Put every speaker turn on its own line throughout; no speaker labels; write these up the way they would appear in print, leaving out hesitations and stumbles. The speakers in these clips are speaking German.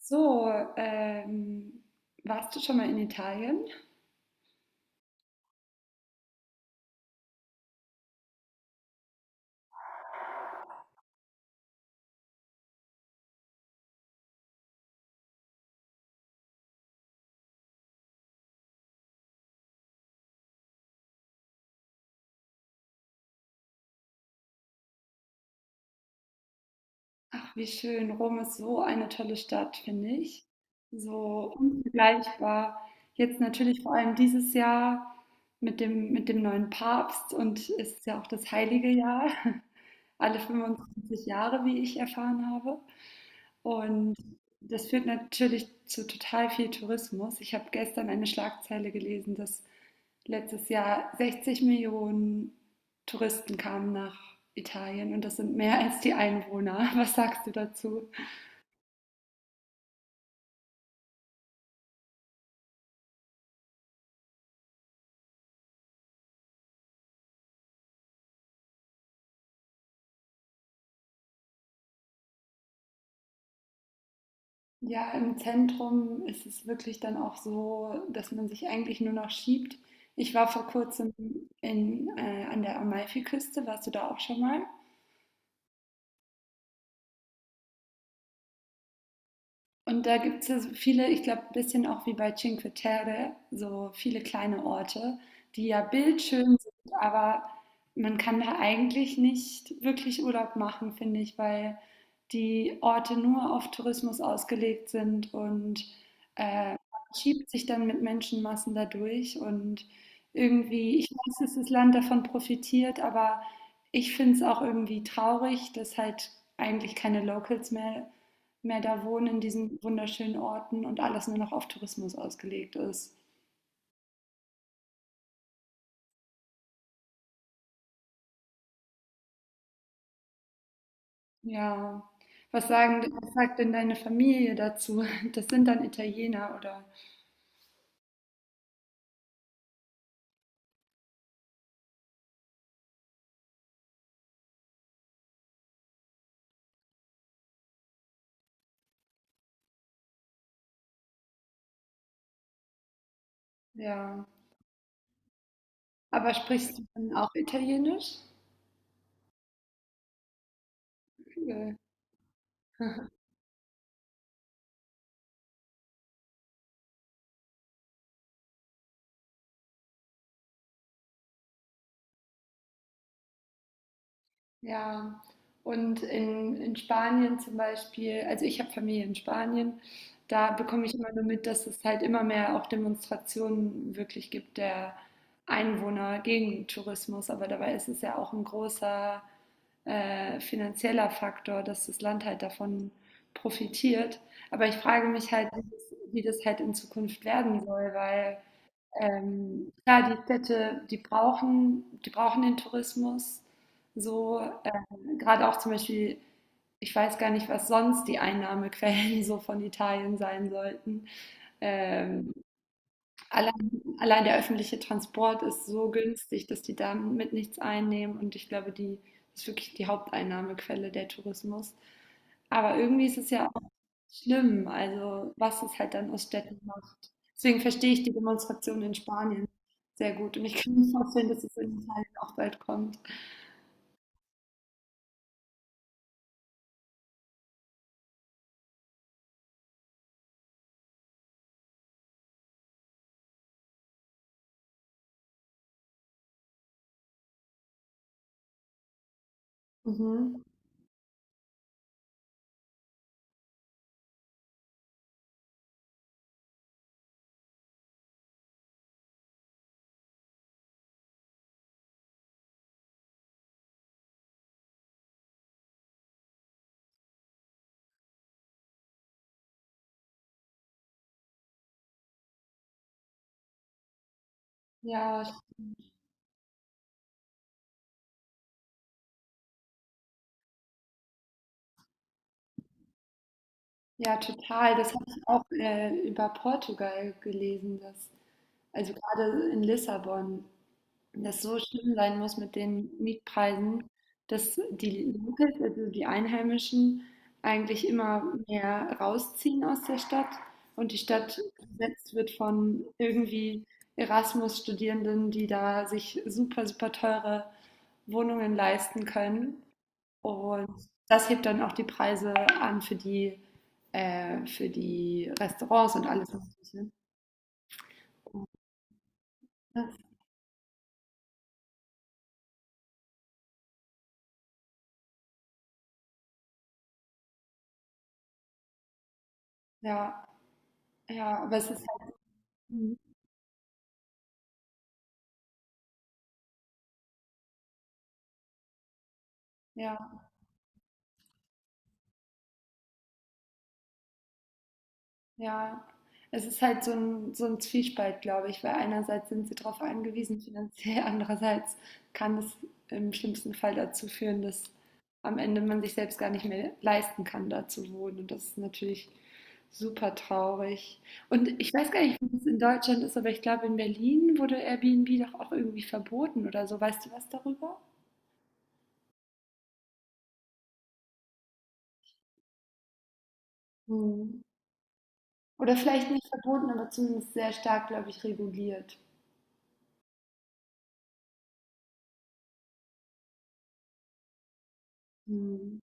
So, ähm, Warst du schon mal in Italien? Ach, wie schön. Rom ist so eine tolle Stadt, finde ich. So unvergleichbar. Jetzt natürlich vor allem dieses Jahr mit dem neuen Papst und es ist ja auch das heilige Jahr. Alle 25 Jahre, wie ich erfahren habe. Und das führt natürlich zu total viel Tourismus. Ich habe gestern eine Schlagzeile gelesen, dass letztes Jahr 60 Millionen Touristen kamen nach Italien und das sind mehr als die Einwohner. Was sagst du dazu? Ja, im Zentrum ist es wirklich dann auch so, dass man sich eigentlich nur noch schiebt. Ich war vor kurzem an der Amalfiküste. Warst du da auch schon mal? Und da gibt es ja so viele, ich glaube, ein bisschen auch wie bei Cinque Terre, so viele kleine Orte, die ja bildschön sind, aber man kann da eigentlich nicht wirklich Urlaub machen, finde ich, weil die Orte nur auf Tourismus ausgelegt sind und man schiebt sich dann mit Menschenmassen dadurch und irgendwie, ich weiß, dass das Land davon profitiert, aber ich finde es auch irgendwie traurig, dass halt eigentlich keine Locals mehr da wohnen in diesen wunderschönen Orten und alles nur noch auf Tourismus ausgelegt ist. Ja. Was sagt denn deine Familie dazu? Das sind dann Italiener oder ja. Aber sprichst du dann auch Italienisch? Cool. Ja, und in Spanien zum Beispiel, also ich habe Familie in Spanien, da bekomme ich immer nur mit, dass es halt immer mehr auch Demonstrationen wirklich gibt der Einwohner gegen Tourismus, aber dabei ist es ja auch ein großer finanzieller Faktor, dass das Land halt davon profitiert. Aber ich frage mich halt, wie das halt in Zukunft werden soll, weil ja, die Städte, die brauchen den Tourismus. So, gerade auch zum Beispiel, ich weiß gar nicht, was sonst die Einnahmequellen so von Italien sein sollten. Ähm, Allein, allein der öffentliche Transport ist so günstig, dass die damit nichts einnehmen. Und ich glaube, die das ist wirklich die Haupteinnahmequelle der Tourismus. Aber irgendwie ist es ja auch schlimm, also was es halt dann aus Städten macht. Deswegen verstehe ich die Demonstration in Spanien sehr gut. Und ich kann mir vorstellen, dass es in Italien auch bald kommt. Mhm. Ja, ja, total. Das habe ich auch über Portugal gelesen, dass also gerade in Lissabon, das so schlimm sein muss mit den Mietpreisen, dass die Locals, also die Einheimischen, eigentlich immer mehr rausziehen aus der Stadt und die Stadt besetzt wird von irgendwie Erasmus-Studierenden, die da sich super, super teure Wohnungen leisten können. Und das hebt dann auch die Preise an für die Restaurants und alles Mögliche. Das, Ja. Ja, aber es ist halt, mhm, ja, ja. Es ist halt so ein Zwiespalt, glaube ich, weil einerseits sind sie darauf angewiesen finanziell, andererseits kann es im schlimmsten Fall dazu führen, dass am Ende man sich selbst gar nicht mehr leisten kann, da zu wohnen. Und das ist natürlich super traurig. Und ich weiß gar nicht, wie es in Deutschland ist, aber ich glaube, in Berlin wurde Airbnb doch auch irgendwie verboten oder so. Weißt du was darüber? Hm. Oder vielleicht nicht verboten, aber zumindest sehr stark, glaube ich, reguliert. Hm.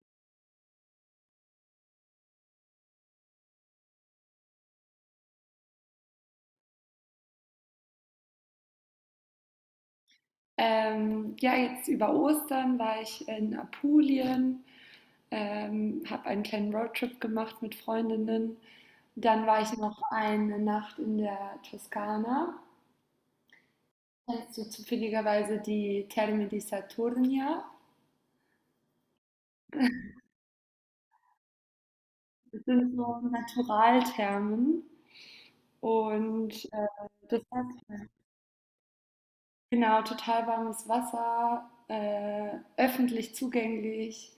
Ja, jetzt über Ostern war ich in Apulien, habe einen kleinen Roadtrip gemacht mit Freundinnen. Dann war ich noch eine Nacht in der Toskana. Kennst du zufälligerweise die Terme di Saturnia? Das sind so Naturalthermen und das hat genau total warmes Wasser, öffentlich zugänglich.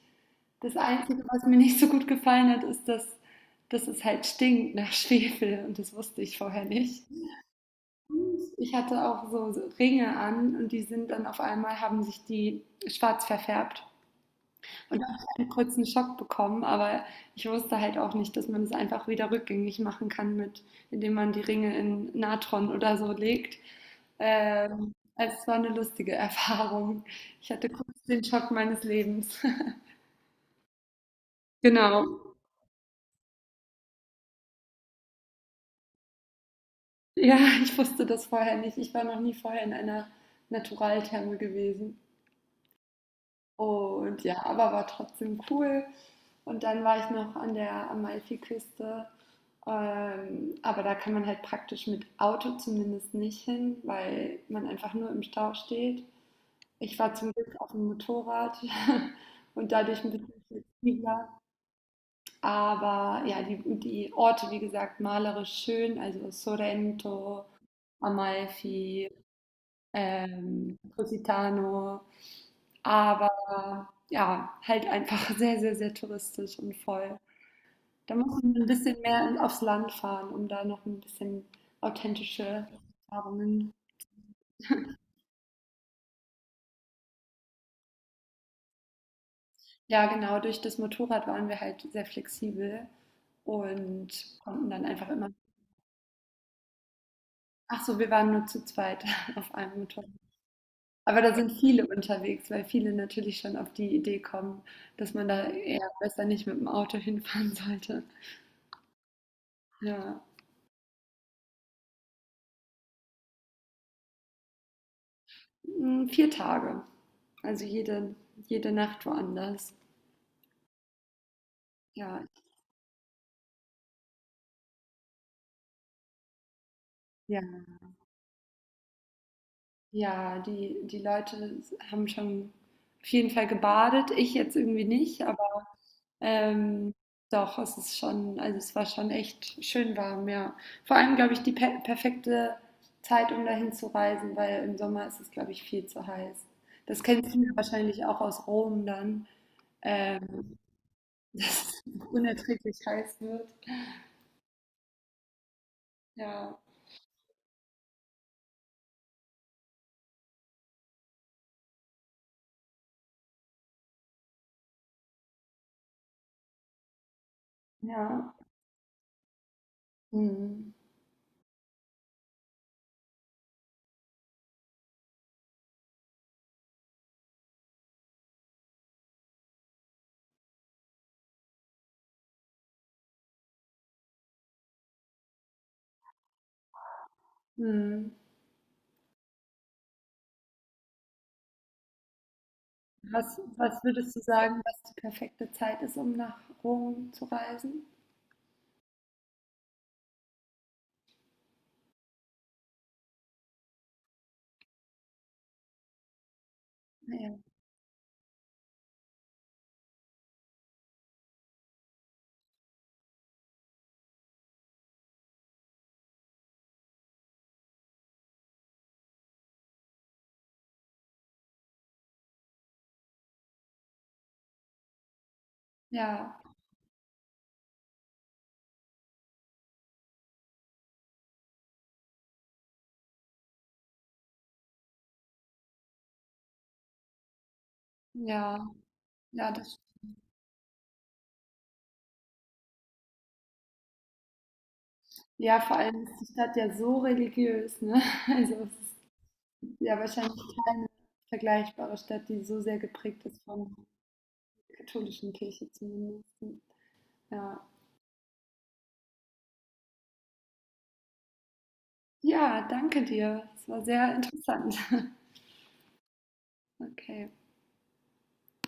Das Einzige, was mir nicht so gut gefallen hat, ist, dass es halt stinkt nach Schwefel und das wusste ich vorher nicht. Ich hatte auch so Ringe an und die sind dann auf einmal, haben sich die schwarz verfärbt. Und da habe ich einen kurzen Schock bekommen, aber ich wusste halt auch nicht, dass man es einfach wieder rückgängig machen kann, indem man die Ringe in Natron oder so legt. Also es war eine lustige Erfahrung. Ich hatte kurz den Schock meines Lebens. Genau. Ja, ich wusste das vorher nicht. Ich war noch nie vorher in einer Naturaltherme gewesen. Und ja, aber war trotzdem cool. Und dann war ich noch an der Amalfiküste. Aber da kann man halt praktisch mit Auto zumindest nicht hin, weil man einfach nur im Stau steht. Ich war zum Glück auf dem Motorrad und dadurch ein bisschen flexibler. Aber ja, die Orte, wie gesagt, malerisch schön, also Sorrento, Amalfi, Positano, aber ja, halt einfach sehr, sehr, sehr touristisch und voll. Da muss man ein bisschen mehr aufs Land fahren, um da noch ein bisschen authentische Erfahrungen. Ja, genau, durch das Motorrad waren wir halt sehr flexibel und konnten dann einfach immer. Ach so, wir waren nur zu zweit auf einem Motorrad. Aber da sind viele unterwegs, weil viele natürlich schon auf die Idee kommen, dass man da eher besser nicht mit dem Auto hinfahren sollte. Ja. Hm, 4 Tage. Also jede Nacht woanders. Ja, ja, ja, die Leute haben schon auf jeden Fall gebadet, ich jetzt irgendwie nicht, aber, ähm, doch, es ist schon, also es war schon echt schön warm, ja. Vor allem, glaube ich, die perfekte Zeit, um dahin zu reisen, weil im Sommer ist es, glaube ich, viel zu heiß. Das kennst du ja wahrscheinlich auch aus Rom dann, ähm, dass es unerträglich heiß wird. Ja, ja. Mhm. Mhm. Was würdest du sagen, was die perfekte Zeit ist, um nach Rom zu reisen? Ja, ja, ja, ja, das, ja, vor allem ist die Stadt ja so religiös, ne? Also es ist ja wahrscheinlich keine vergleichbare Stadt, die so sehr geprägt ist von der katholischen Kirche zumindest. Ja, ja, danke dir. Es war sehr interessant. Okay.